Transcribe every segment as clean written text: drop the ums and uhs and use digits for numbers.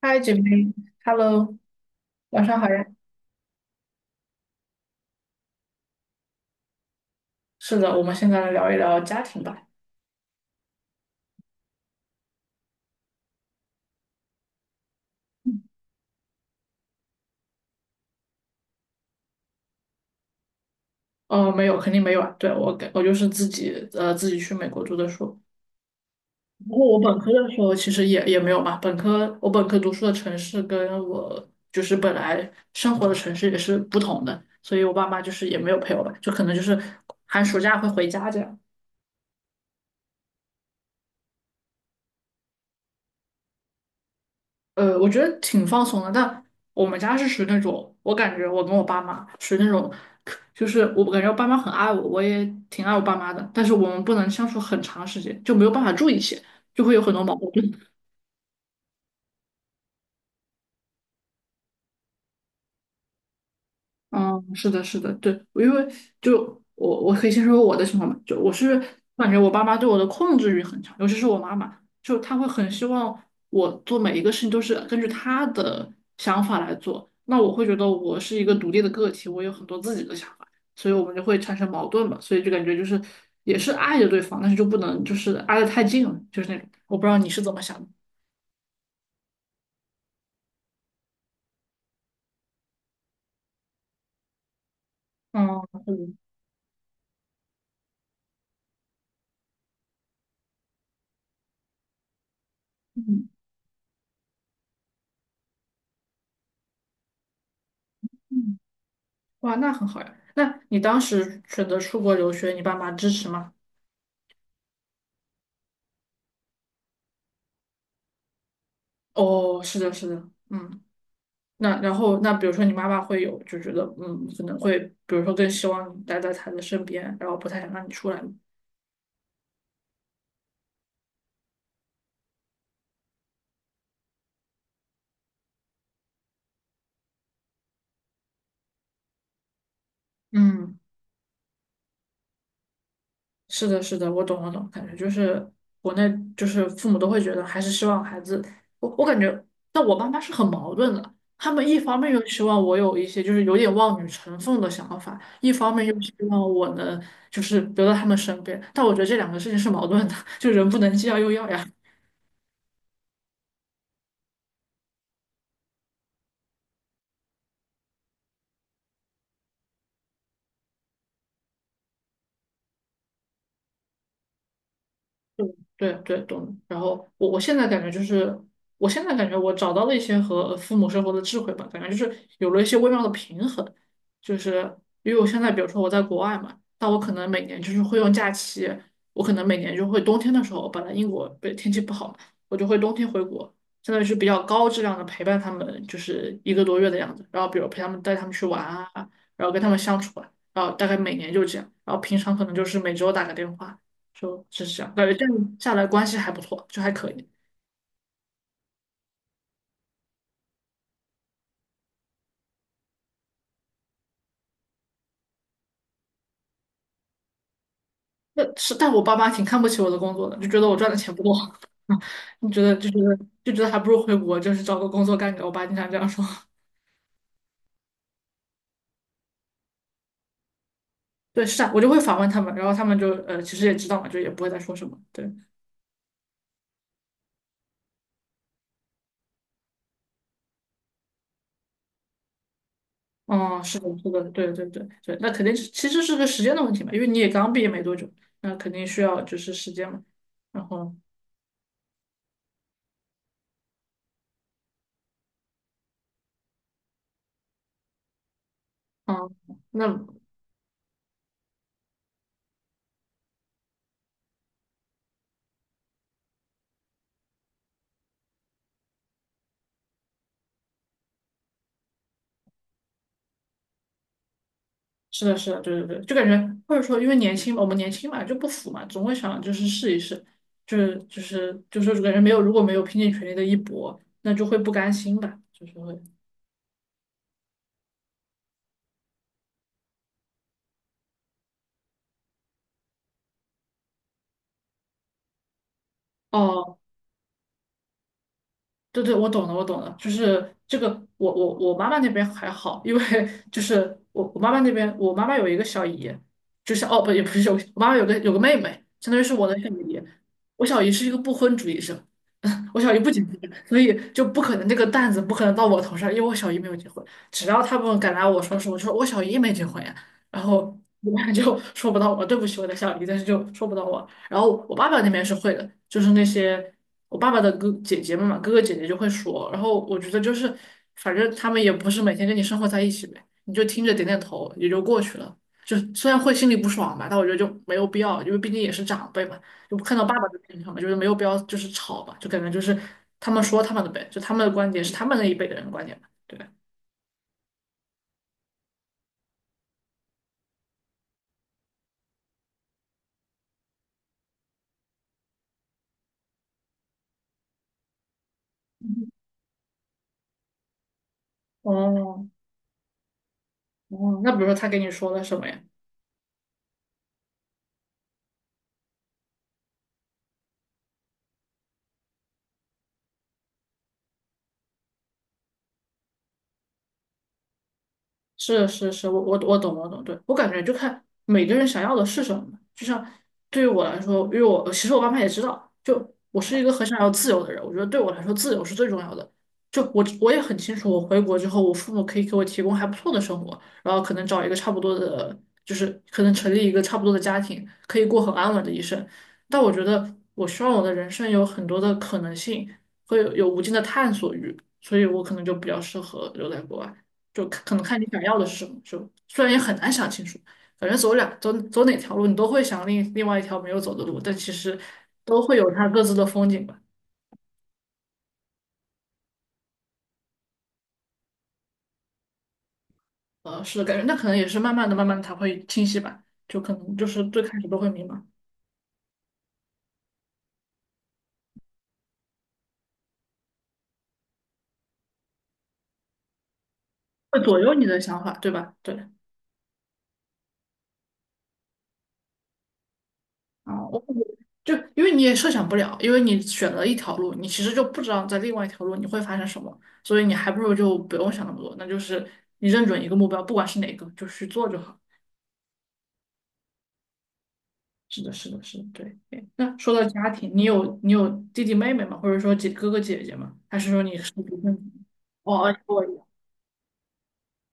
嗨，姐妹，Hello，晚上好呀。是的，我们现在来聊一聊家庭吧。没有，肯定没有啊。对，我就是自己去美国读的书。不过我本科的时候其实也没有嘛。本科读书的城市跟我就是本来生活的城市也是不同的，所以我爸妈就是也没有陪我吧，就可能就是寒暑假会回家这样。我觉得挺放松的，但我们家是属于那种，我感觉我跟我爸妈属于那种，就是我感觉我爸妈很爱我，我也挺爱我爸妈的，但是我们不能相处很长时间，就没有办法住一起，就会有很多矛盾。嗯，是的，是的，对，因为就我可以先说我的情况吧，就我是感觉我爸妈对我的控制欲很强，尤其是我妈妈，就她会很希望我做每一个事情都是根据她的想法来做，那我会觉得我是一个独立的个体，我有很多自己的想法，所以我们就会产生矛盾嘛，所以就感觉就是也是爱着对方，但是就不能就是挨得太近了，就是那种，我不知道你是怎么想的。嗯，是的嗯。嗯。哇，那很好呀。那你当时选择出国留学，你爸妈支持吗？哦，是的，是的，嗯。那然后，那比如说你妈妈会有就觉得，可能会，比如说更希望你待在她的身边，然后不太想让你出来。嗯。是的，是的，我懂，我懂，感觉就是国内就是父母都会觉得还是希望孩子，我感觉，但我爸妈是很矛盾的，他们一方面又希望我有一些就是有点望女成凤的想法，一方面又希望我能就是留在他们身边，但我觉得这两个事情是矛盾的，就人不能既要又要呀。对对对，懂。然后我现在感觉就是，我现在感觉我找到了一些和父母生活的智慧吧，感觉就是有了一些微妙的平衡。就是因为我现在，比如说我在国外嘛，但我可能每年就是会用假期，我可能每年就会冬天的时候，本来英国对天气不好嘛，我就会冬天回国，相当于是比较高质量的陪伴他们，就是一个多月的样子。然后比如陪他们带他们去玩啊，然后跟他们相处啊，然后大概每年就这样。然后平常可能就是每周打个电话。就是这样，感觉这样下来关系还不错，就还可以。那是，但我爸妈挺看不起我的工作的，就觉得我赚的钱不够，你觉得还不如回国，就是找个工作干干。我爸经常这样说。对，是啊，我就会反问他们，然后他们就其实也知道嘛，就也不会再说什么。对，嗯，是的，是的，对对对对，那肯定是其实是个时间的问题嘛，因为你也刚毕业没多久，那肯定需要就是时间嘛。然后，嗯，那是的，是的，对对对，就感觉或者说，因为年轻嘛，我们年轻嘛，就不服嘛，总会想就是试一试，就是感觉没有，如果没有拼尽全力的一搏，那就会不甘心吧，就是会。哦，对对，我懂了，我懂了，就是这个，我妈妈那边还好，因为就是我妈妈那边，我妈妈有一个小姨，就是哦不也不是有，我妈妈有个妹妹，相当于是我的小姨，我小姨是一个不婚主义者，我小姨不结婚，所以就不可能那个担子不可能到我头上，因为我小姨没有结婚，只要他们敢拿我说事，我就说我小姨没结婚呀，然后我妈就说不到我，对不起我的小姨，但是就说不到我，然后我爸爸那边是会的，就是那些。我爸爸的哥姐姐们嘛，哥哥姐姐就会说，然后我觉得就是，反正他们也不是每天跟你生活在一起呗，你就听着点点头也就过去了。就虽然会心里不爽吧，但我觉得就没有必要，因为毕竟也是长辈嘛，就看到爸爸的立场嘛，就是没有必要就是吵吧，就感觉就是他们说他们的呗，就他们的观点是他们那一辈的人的观点嘛，对吧？哦，哦，那比如说他给你说了什么呀？是是是，我懂，对，我感觉就看每个人想要的是什么就像对于我来说，因为我其实我爸妈也知道，就我是一个很想要自由的人，我觉得对我来说自由是最重要的。就我也很清楚，我回国之后，我父母可以给我提供还不错的生活，然后可能找一个差不多的，就是可能成立一个差不多的家庭，可以过很安稳的一生。但我觉得我希望我的人生有很多的可能性，会有无尽的探索欲，所以我可能就比较适合留在国外。就看可能看你想要的是什么，就虽然也很难想清楚，反正走两走走哪条路，你都会想另外一条没有走的路，但其实都会有它各自的风景吧。是的，感觉那可能也是慢慢的、慢慢的才会清晰吧，就可能就是最开始都会迷茫，会左右你的想法，对吧？对。啊，我感觉就因为你也设想不了，因为你选了一条路，你其实就不知道在另外一条路你会发生什么，所以你还不如就不用想那么多，那就是你认准一个目标，不管是哪个，就去做就好。是的，是的，是的，对对那说到家庭，你有弟弟妹妹吗？或者说哥哥姐姐吗？还是独生子？哦，跟我一样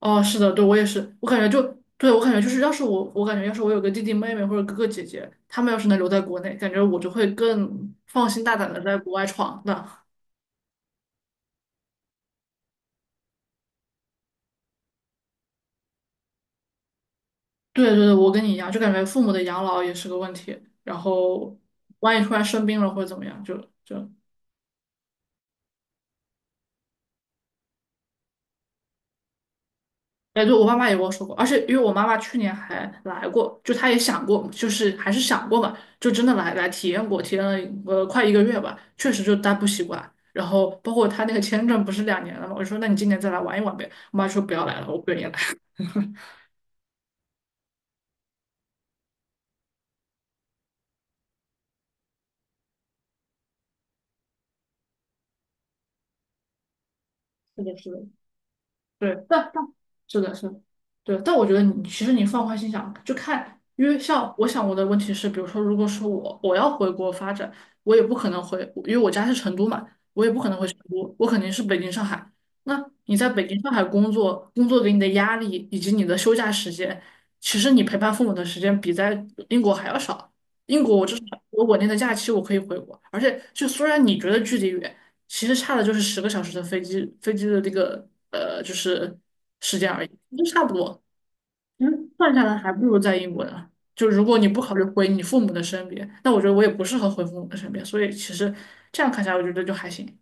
哦，是的，对，我也是，我感觉就对我感觉就是，要是我感觉要是我有个弟弟妹妹或者哥哥姐姐，他们要是能留在国内，感觉我就会更放心大胆的在国外闯荡。对对对，我跟你一样，就感觉父母的养老也是个问题，然后万一突然生病了或者怎么样，就哎，对，我妈妈也跟我说过，而且因为我妈妈去年还来过，就她也想过，就是还是想过嘛，就真的来体验过，体验了快一个月吧，确实就待不习惯。然后包括她那个签证不是2年了嘛，我就说那你今年再来玩一玩呗，我妈说不要来了，我不愿意来。是的，是的，对，但是的是的，对，但我觉得你其实你放宽心想，就看，因为像我想我的问题是，比如说，如果说我要回国发展，我也不可能回，因为我家是成都嘛，我也不可能回成都，我肯定是北京、上海。那你在北京、上海工作，工作给你的压力以及你的休假时间，其实你陪伴父母的时间比在英国还要少。英国我至少我稳定的假期，我可以回国，而且就虽然你觉得距离远。其实差的就是10个小时的飞机的那个就是时间而已，都差不多。其实算下来还不如在英国呢。就如果你不考虑回你父母的身边，那我觉得我也不适合回父母的身边，所以其实这样看下来，我觉得就还行。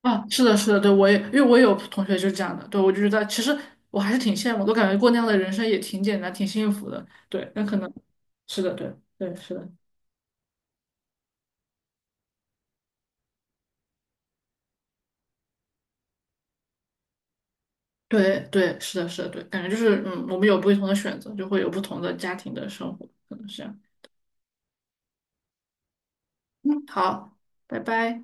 啊，是的，是的，对，我也因为我也有同学就是这样的，对，我就觉得其实我还是挺羡慕，我感觉过那样的人生也挺简单，挺幸福的。对，那可能是的，对，对，是的。对对，是的，是的，对，感觉就是我们有不同的选择，就会有不同的家庭的生活，可能是这样。嗯，好，拜拜。